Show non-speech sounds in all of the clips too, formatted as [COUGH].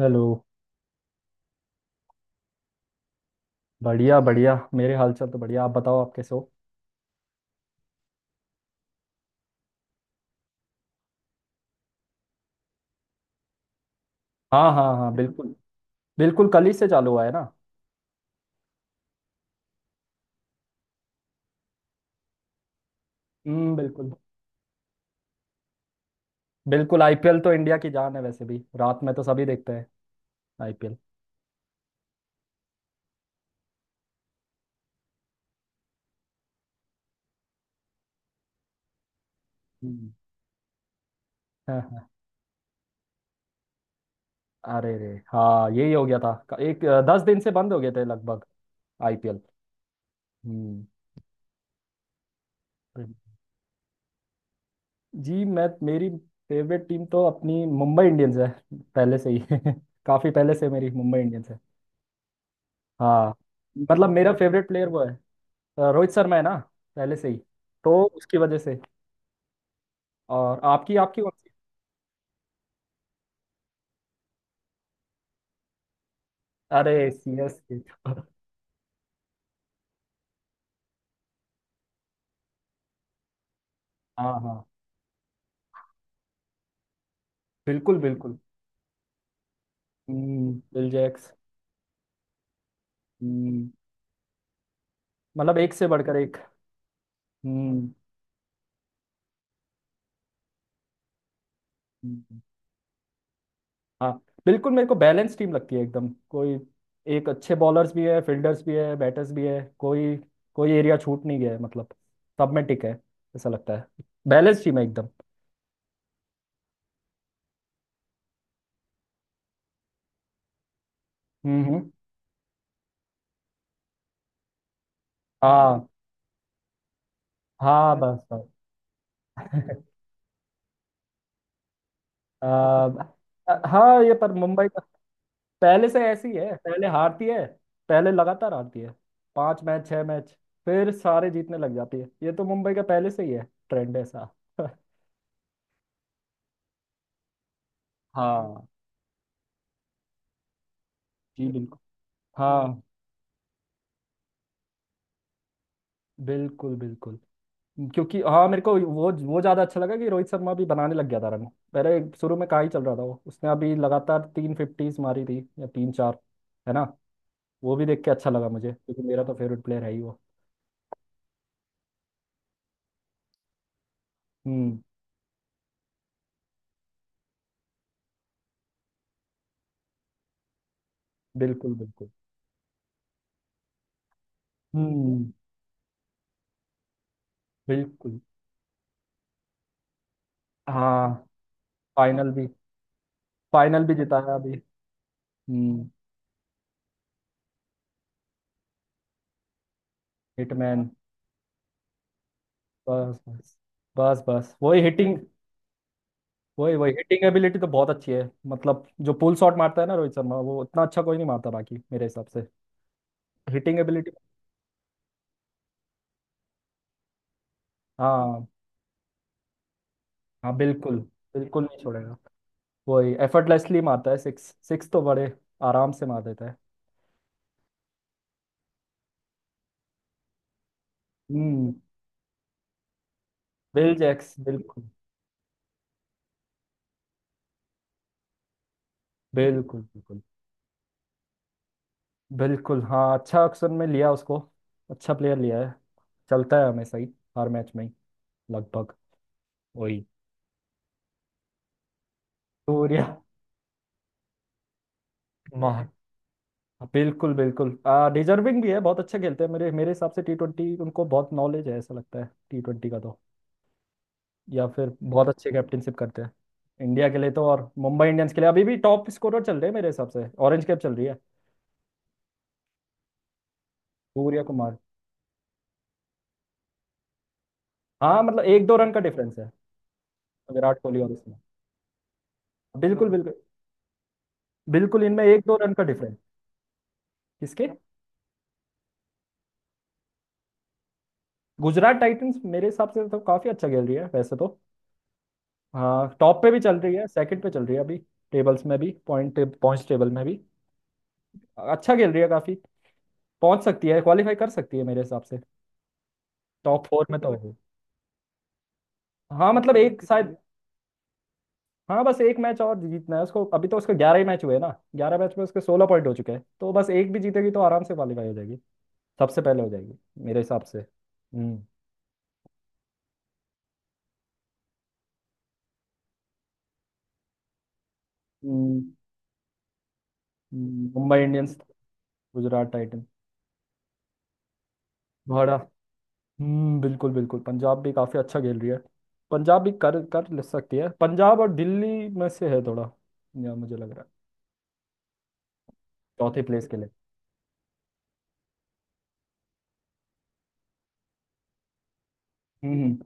Hello. बढ़िया बढ़िया, मेरे हालचाल तो बढ़िया। आप बताओ, आप कैसे हो। हाँ हाँ हाँ, बिल्कुल। बिल्कुल कल ही से चालू हुआ है ना। हम्म, बिल्कुल। बिल्कुल, आईपीएल तो इंडिया की जान है, वैसे भी रात में तो सभी देखते हैं आईपीएल। हम्म। हाँ, हाँ। अरे रे हाँ, यही हो गया था, एक 10 दिन से बंद हो गए थे लगभग आईपीएल। हम्म, बिल्कुल। जी, मैं मेरी फेवरेट टीम तो अपनी मुंबई इंडियंस है पहले से ही। [LAUGHS] काफी पहले से मेरी मुंबई इंडियंस है। हाँ, मतलब मेरा फेवरेट प्लेयर वो है, रोहित शर्मा है ना, पहले से ही, तो उसकी वजह से। और आपकी आपकी कौन सी। अरे सी एस के। हाँ हाँ, बिल्कुल बिल्कुल। हम्म, बिल जैक्स। हम्म, मतलब एक से बढ़कर एक। हम्म हम्म, हम्म। हाँ बिल्कुल, मेरे को बैलेंस टीम लगती है एकदम, कोई एक अच्छे बॉलर्स भी है, फील्डर्स भी है, बैटर्स भी है, कोई कोई एरिया छूट नहीं गया है, मतलब सब में टिक है। ऐसा लगता है बैलेंस टीम है एकदम। हम्म। हाँ हाँ, बस बस। [LAUGHS] अ, हाँ ये पर मुंबई का पहले से ऐसी है, पहले हारती है, पहले लगातार हारती है, 5 मैच 6 मैच, फिर सारे जीतने लग जाती है। ये तो मुंबई का पहले से ही है ट्रेंड ऐसा। [LAUGHS] हाँ जी, बिल्कुल। हाँ बिल्कुल बिल्कुल, क्योंकि हाँ मेरे को वो ज्यादा अच्छा लगा कि रोहित शर्मा भी बनाने लग गया था रन। पहले शुरू में कहाँ ही चल रहा था वो, उसने अभी लगातार 3 फिफ्टीज मारी थी या तीन चार, है ना। वो भी देख के अच्छा लगा मुझे, क्योंकि मेरा तो फेवरेट प्लेयर है ही वो। हम्म। बिल्कुल बिल्कुल। हम्म, बिल्कुल। हाँ फाइनल भी, फाइनल भी जिताया अभी। हम्म। हिटमैन, बस बस, बस वही हिटिंग, वही वही हिटिंग एबिलिटी तो बहुत अच्छी है, मतलब जो पुल शॉट मारता है ना रोहित शर्मा, वो इतना अच्छा कोई नहीं मारता बाकी मेरे हिसाब से। Hitting ability. हाँ हाँ, बिल्कुल। बिल्कुल नहीं छोड़ेगा, वही एफर्टलेसली मारता है, सिक्स सिक्स तो बड़े आराम से मार देता है। हम्म, बिल जैक्स बिल्कुल बिल्कुल। बिल्कुल। बिल्कुल हाँ, अच्छा ऑप्शन में लिया उसको, अच्छा प्लेयर लिया है, चलता है हमेशा ही, हर मैच में ही लगभग। वही। सूर्या, महा-, बिल्कुल बिल्कुल। डिजर्विंग भी है, बहुत अच्छा खेलते हैं मेरे मेरे हिसाब से। टी ट्वेंटी उनको बहुत नॉलेज है ऐसा लगता है, टी ट्वेंटी का तो। या फिर बहुत अच्छे कैप्टनशिप करते हैं इंडिया के लिए तो, और मुंबई इंडियंस के लिए अभी भी टॉप स्कोरर चल रहे हैं मेरे हिसाब से, ऑरेंज कैप चल रही है। सूर्या कुमार। हाँ मतलब एक दो रन का डिफरेंस है। विराट कोहली और इसमें बिल्कुल बिल्कुल, बिल्कुल इनमें एक दो रन का डिफरेंस। किसके। गुजरात टाइटंस मेरे हिसाब से तो काफी अच्छा खेल रही है वैसे तो। हाँ टॉप पे भी चल रही है, सेकंड पे चल रही है अभी टेबल्स में भी, पॉइंट्स टेबल में भी अच्छा खेल रही है काफी, पहुंच सकती है, क्वालिफाई कर सकती है मेरे हिसाब से, टॉप 4 में तो होगी। हाँ मतलब एक शायद, हाँ बस एक मैच और जीतना है उसको, अभी तो उसके 11 ही मैच हुए ना। 11 मैच में उसके 16 पॉइंट हो चुके हैं, तो बस एक भी जीतेगी तो आराम से क्वालिफाई हो जाएगी, सबसे पहले हो जाएगी मेरे हिसाब से। हम्म, मुंबई इंडियंस गुजरात टाइटन। बड़ा हम्म, बिल्कुल बिल्कुल, पंजाब भी काफ़ी अच्छा खेल रही है। पंजाब भी कर कर ले सकती है, पंजाब और दिल्ली में से है थोड़ा, या मुझे लग रहा है चौथे प्लेस के लिए। हम्म। हम्म।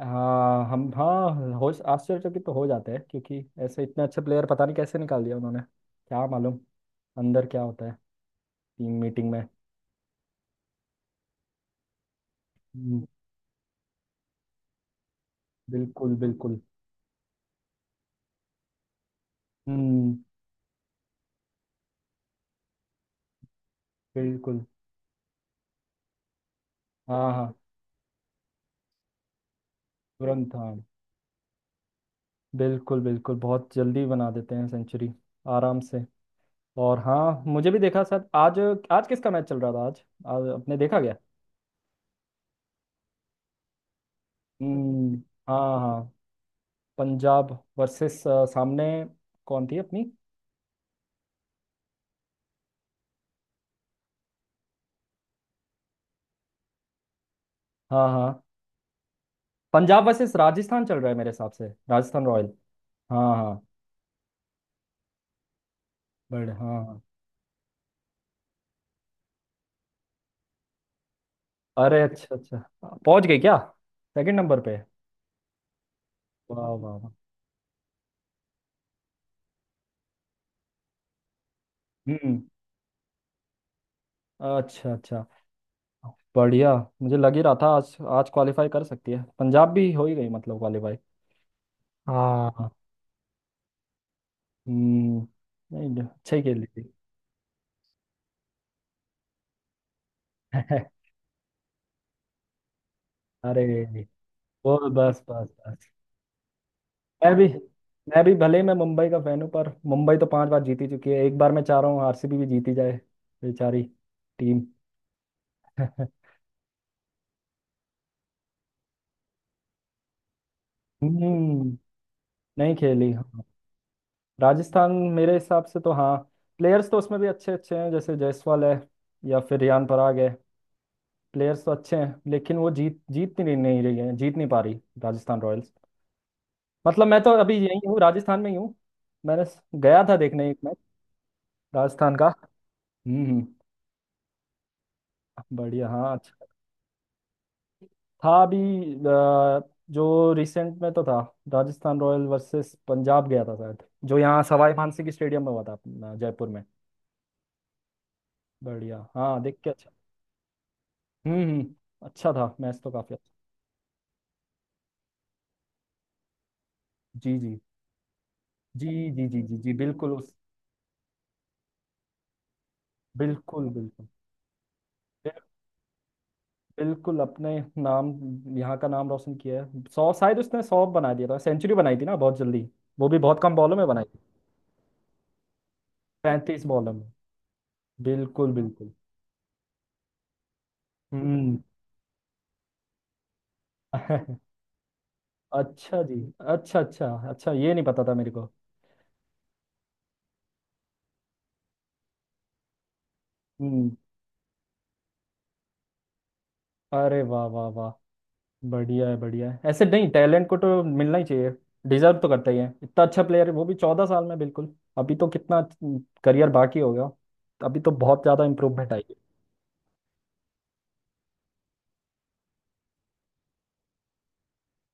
हाँ हम हाँ हो, आश्चर्यचकित तो हो जाते हैं क्योंकि ऐसे इतने अच्छे प्लेयर पता नहीं कैसे निकाल दिया उन्होंने। क्या मालूम अंदर क्या होता है टीम मीटिंग में। हम्म, बिल्कुल बिल्कुल। हम्म, बिल्कुल। हाँ हाँ। तुरंत हाँ, बिल्कुल बिल्कुल, बहुत जल्दी बना देते हैं सेंचुरी, आराम से। और हाँ मुझे भी देखा सर आज। आज किसका मैच चल रहा था, आज आज आपने देखा क्या। हम्म। हाँ हाँ, पंजाब वर्सेस, सामने कौन थी अपनी। हाँ हाँ, पंजाब वर्सेस राजस्थान चल रहा है मेरे हिसाब से, राजस्थान रॉयल। हाँ हाँ। बड़े हाँ हाँ। अरे अच्छा अच्छा, पहुंच गए क्या सेकंड नंबर पे। वाह वाह वाह। हम्म, अच्छा अच्छा, बढ़िया। मुझे लग ही रहा था आज, आज क्वालिफाई कर सकती है पंजाब भी, हो ही गई मतलब क्वालिफाई। हाँ। हम्म। नहीं अच्छा ही खेल। [LAUGHS] अरे वो, बस बस बस, मैं भी, मैं भी भले ही मैं मुंबई का फैन हूँ, पर मुंबई तो 5 बार जीती चुकी है, एक बार मैं चाह रहा हूँ आरसीबी भी जीती जाए बेचारी टीम। [LAUGHS] हम्म, नहीं खेली हाँ। राजस्थान, मेरे हिसाब से तो हाँ प्लेयर्स तो उसमें भी अच्छे अच्छे हैं, जैसे जायसवाल है या फिर रियान पराग है, प्लेयर्स तो अच्छे हैं लेकिन वो जीत जीत नहीं नहीं रही है, जीत नहीं पा रही राजस्थान रॉयल्स। मतलब मैं तो अभी यही हूँ, राजस्थान में ही हूँ। मैंने गया था देखने एक मैच राजस्थान का। हम्म हम्म। बढ़िया हाँ, अच्छा था अभी। अ, जो रिसेंट में तो था, राजस्थान रॉयल वर्सेस पंजाब गया था शायद, जो यहाँ सवाई मानसिंह स्टेडियम में हुआ था अपना जयपुर में। बढ़िया हाँ, देख के अच्छा। हम्म, अच्छा था मैच तो काफी अच्छा। जी जी जी जी जी जी जी बिल्कुल उस, बिल्कुल बिल्कुल, बिल- बिल्कुल अपने नाम, यहाँ का नाम रोशन किया है। 100 शायद उसने 100 बना दिया था, सेंचुरी बनाई थी ना बहुत जल्दी, वो भी बहुत कम बॉलों में बनाई थी। 35 बॉलों में, बिल्कुल बिल्कुल। हम्म। [LAUGHS] अच्छा जी, अच्छा अच्छा अच्छा, ये नहीं पता था मेरे को। हम्म। अरे वाह वाह वाह, बढ़िया है बढ़िया है, ऐसे नहीं टैलेंट को तो मिलना ही चाहिए, डिजर्व तो करता ही है, इतना अच्छा प्लेयर है वो भी 14 साल में। बिल्कुल, अभी तो कितना करियर बाकी हो गया, अभी तो बहुत ज़्यादा इम्प्रूवमेंट आई है।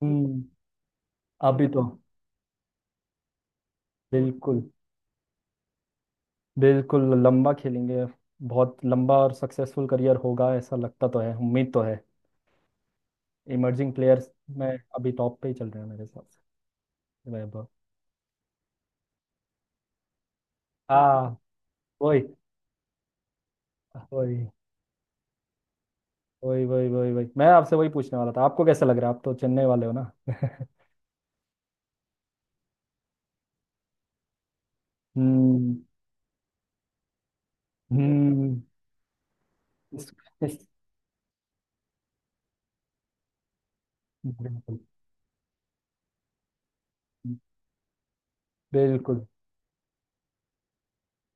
हम्म। अभी तो बिल्कुल, बिल्कुल लंबा खेलेंगे, बहुत लंबा और सक्सेसफुल करियर होगा ऐसा लगता तो है, उम्मीद तो है। इमर्जिंग प्लेयर्स में अभी टॉप पे ही चल रहे हैं मेरे हिसाब से, वैभव। हाँ वही वही वही वही, वही मैं आपसे वही पूछने वाला था, आपको कैसा लग रहा है, आप तो चेन्नई वाले हो ना। [LAUGHS] हम्म हम्म। इस, इस, बिल्कुल बिल्कुल।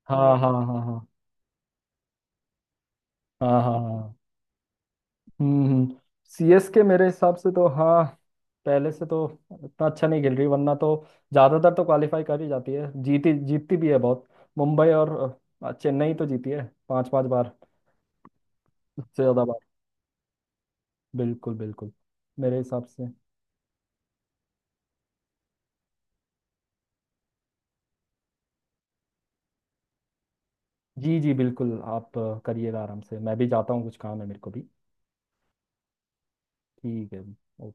हाँ हाँ हाँ हाँ। हाँ हाँ हाँ। हम्म। सी एस के मेरे हिसाब से तो हाँ पहले से तो इतना अच्छा नहीं खेल रही, वरना तो ज्यादातर तो क्वालिफाई कर ही जाती है, जीती जीतती भी है बहुत। मुंबई और चेन्नई तो जीती है 5-5 बार, उससे ज्यादा बार। बिल्कुल बिल्कुल, मेरे हिसाब से। जी जी बिल्कुल, आप करिएगा आराम से, मैं भी जाता हूँ, कुछ काम है मेरे को भी। ठीक है। ओ-